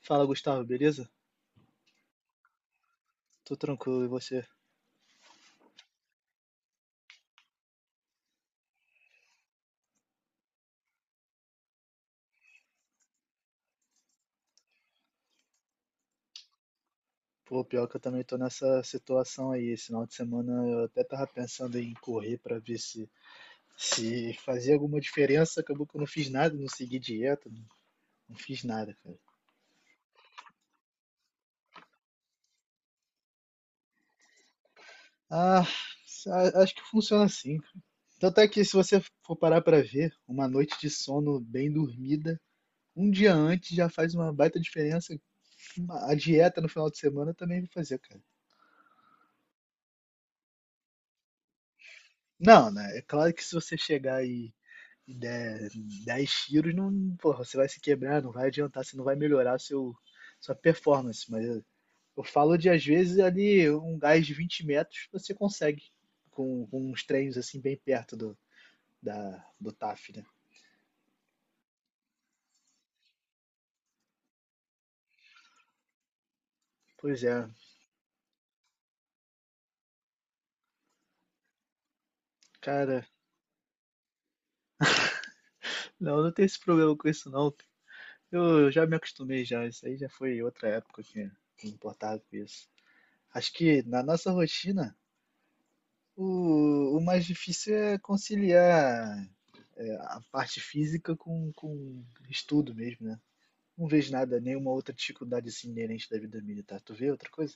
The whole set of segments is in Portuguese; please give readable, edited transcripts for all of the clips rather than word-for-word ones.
Fala, Gustavo, beleza? Tô tranquilo, e você? Pô, pior que eu também tô nessa situação aí. Esse final de semana eu até tava pensando em correr pra ver se fazia alguma diferença. Acabou que eu não fiz nada, não segui dieta, não fiz nada, cara. Ah, Acho que funciona assim, cara. Tanto é que se você for parar pra ver, uma noite de sono bem dormida, um dia antes já faz uma baita diferença. A dieta no final de semana também vai fazer, cara. Não, né? É claro que se você chegar 10 tiros, não, porra, você vai se quebrar, não vai adiantar, você não vai melhorar sua performance. Eu falo de, às vezes, ali um gás de 20 metros você consegue com uns treinos assim bem perto do TAF, né? Pois é, cara, não tem esse problema com isso não. Eu já me acostumei já, isso aí já foi outra época que eu me importava com isso. Acho que na nossa rotina, o mais difícil é conciliar a parte física com estudo mesmo, né? Não vejo nada, nenhuma outra dificuldade assim inerente da vida militar. Tu vê outra coisa?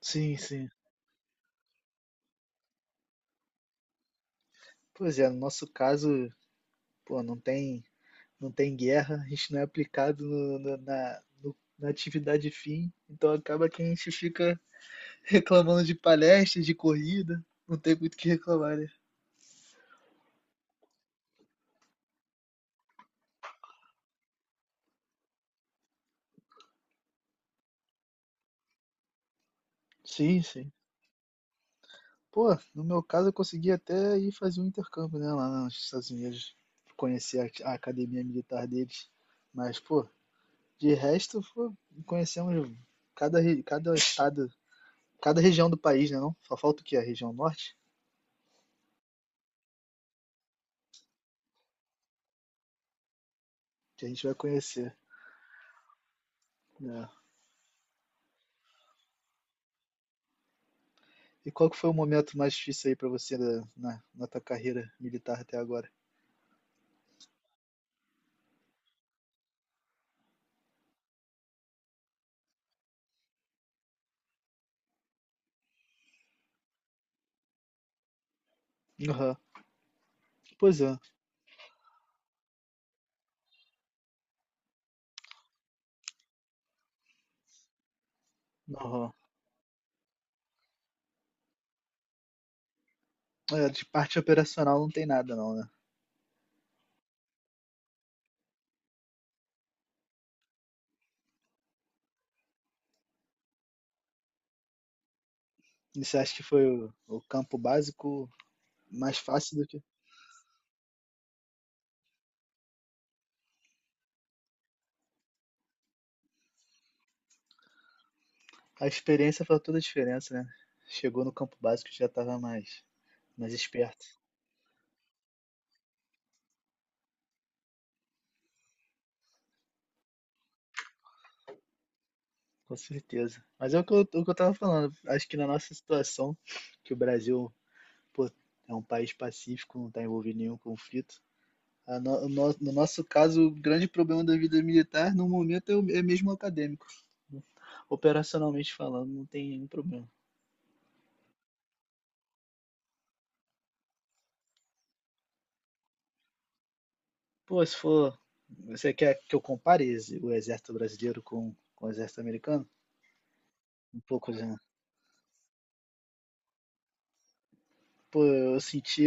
Sim, sim. Pois é, no nosso caso, pô, não tem guerra, a gente não é aplicado na atividade fim, então acaba que a gente fica reclamando de palestras, de corrida, não tem muito o que reclamar, né? Sim, sim. Pô, no meu caso eu consegui até ir fazer um intercâmbio, né, lá nos Estados Unidos, conhecer a academia militar deles. Mas, pô, de resto, pô, conhecemos cada estado, cada região do país, né, não? Só falta o quê? A região norte, que a gente vai conhecer, né? E qual que foi o momento mais difícil aí pra você na tua carreira militar até agora? Aham. Pois é. Aham. É, de parte operacional não tem nada não, né? E você acha que foi o campo básico mais fácil do que a experiência faz toda a diferença, né? Chegou no campo básico já estava mais esperto, com certeza. Mas é o que o que eu tava falando. Acho que na nossa situação, que o Brasil, pô, é um país pacífico, não está envolvido em nenhum conflito. A no, no, No nosso caso, o grande problema da vida militar, no momento, é mesmo acadêmico. Operacionalmente falando, não tem nenhum problema. Pô, se for. Você quer que eu compare o exército brasileiro com o exército americano? Um pouco, né? Pô, eu senti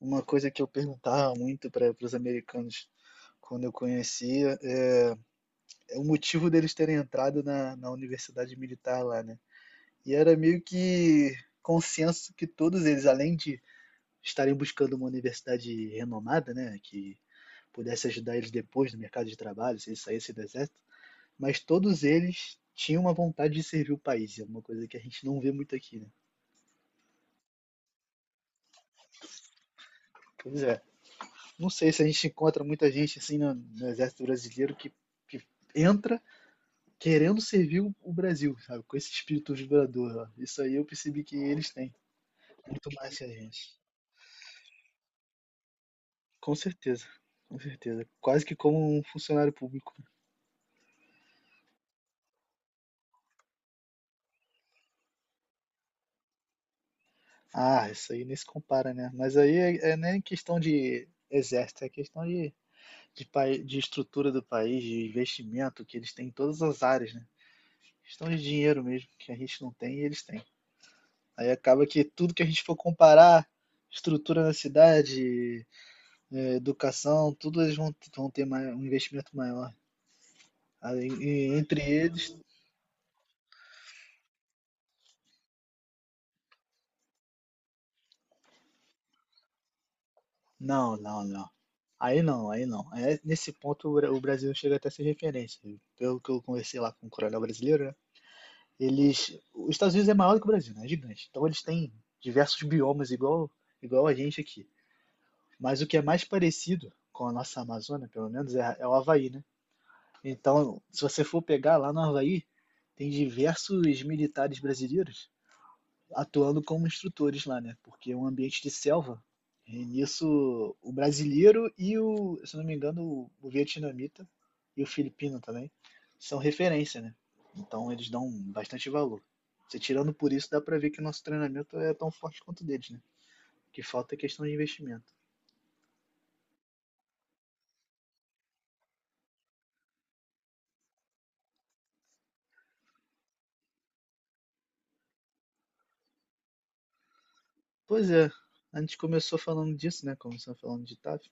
uma coisa que eu perguntava muito para os americanos quando eu conhecia é o motivo deles terem entrado na universidade militar lá, né? E era meio que consenso que todos eles, além de estarem buscando uma universidade renomada, né, que pudesse ajudar eles depois no mercado de trabalho, se eles saíssem do exército, mas todos eles tinham uma vontade de servir o país, é uma coisa que a gente não vê muito aqui, né? Pois é, não sei se a gente encontra muita gente assim no exército brasileiro que entra querendo servir o Brasil, sabe? Com esse espírito vibrador, ó. Isso aí eu percebi que eles têm. Muito mais que a gente. Com certeza. Com certeza. Quase que como um funcionário público. Ah, isso aí nem se compara, né? Mas aí é nem questão de exército, é questão de estrutura do país, de investimento que eles têm em todas as áreas, né? Questão de dinheiro mesmo, que a gente não tem e eles têm. Aí acaba que tudo que a gente for comparar, estrutura na cidade, é, educação, tudo vão ter um investimento maior. Aí, e entre eles, não, não, não. Aí não, aí não. É, nesse ponto o o Brasil chega até a ser referência. Pelo que eu conversei lá com o coronel brasileiro, né? Eles, os Estados Unidos é maior do que o Brasil, né? É gigante. Então eles têm diversos biomas igual a gente aqui. Mas o que é mais parecido com a nossa Amazônia, pelo menos, é o Havaí, né? Então, se você for pegar lá no Havaí, tem diversos militares brasileiros atuando como instrutores lá, né? Porque é um ambiente de selva. E nisso, o brasileiro se não me engano, o vietnamita e o filipino também são referência, né? Então eles dão bastante valor. Você tirando por isso, dá pra ver que o nosso treinamento é tão forte quanto o deles, né? O que falta é questão de investimento. Pois é, a gente começou falando disso, né? Começamos falando de TAF.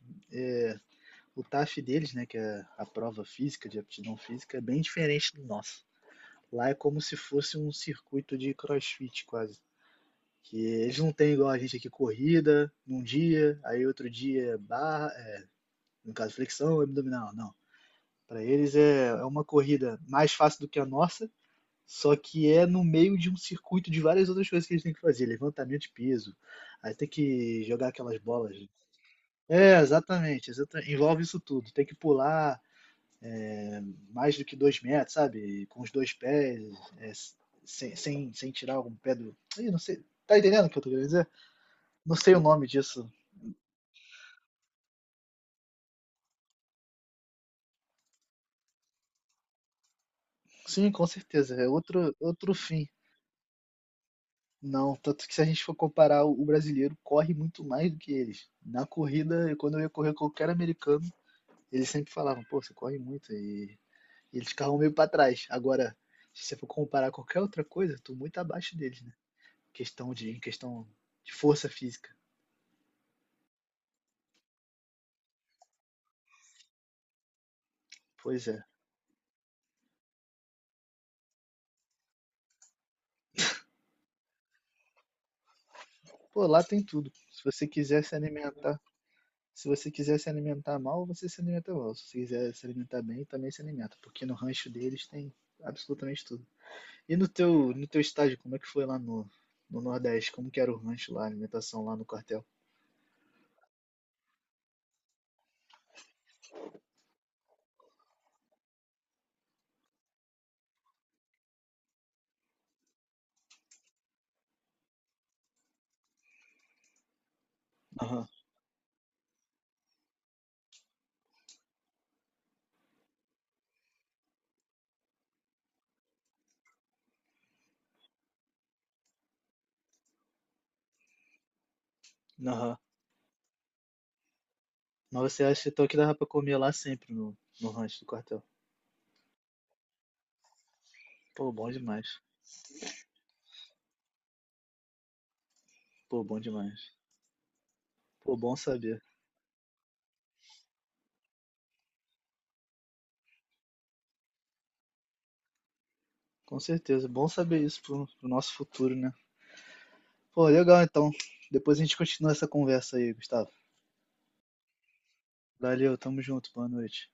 O TAF deles, né? Que é a prova física, de aptidão física, é bem diferente do nosso. Lá é como se fosse um circuito de CrossFit quase. Que eles não têm igual a gente aqui corrida num dia, aí outro dia é barra, é, no caso flexão, abdominal, não. Para eles é uma corrida mais fácil do que a nossa, só que é no meio de um circuito de várias outras coisas que eles têm que fazer, levantamento de peso, aí tem que jogar aquelas bolas. É, exatamente, envolve isso tudo. Tem que pular mais do que dois metros, sabe? Com os dois pés, é, sem tirar algum pé do. Ih, não sei. Tá entendendo o que eu tô querendo dizer? Não sei o nome disso. Sim, com certeza. É outro, outro fim. Não, tanto que se a gente for comparar, o brasileiro corre muito mais do que eles. Na corrida, quando eu ia correr com qualquer americano, eles sempre falavam, pô, você corre muito. E eles ficavam meio pra trás. Agora, se você for comparar qualquer outra coisa, eu tô muito abaixo deles, né? Em questão de força física. Pois é. Pô, lá tem tudo. Se você quiser se alimentar, se você quiser se alimentar mal, você se alimenta mal. Se você quiser se alimentar bem, também se alimenta, porque no rancho deles tem absolutamente tudo. E no teu estágio, como é que foi lá no, no Nordeste? Como que era o rancho lá, a alimentação lá no quartel? Aham, aham. Mas você acha então que dava pra comer lá sempre no rancho do quartel? Pô, bom demais. Pô, bom demais. Pô, bom saber. Com certeza, bom saber isso pro nosso futuro, né? Pô, legal então. Depois a gente continua essa conversa aí, Gustavo. Valeu, tamo junto, boa noite.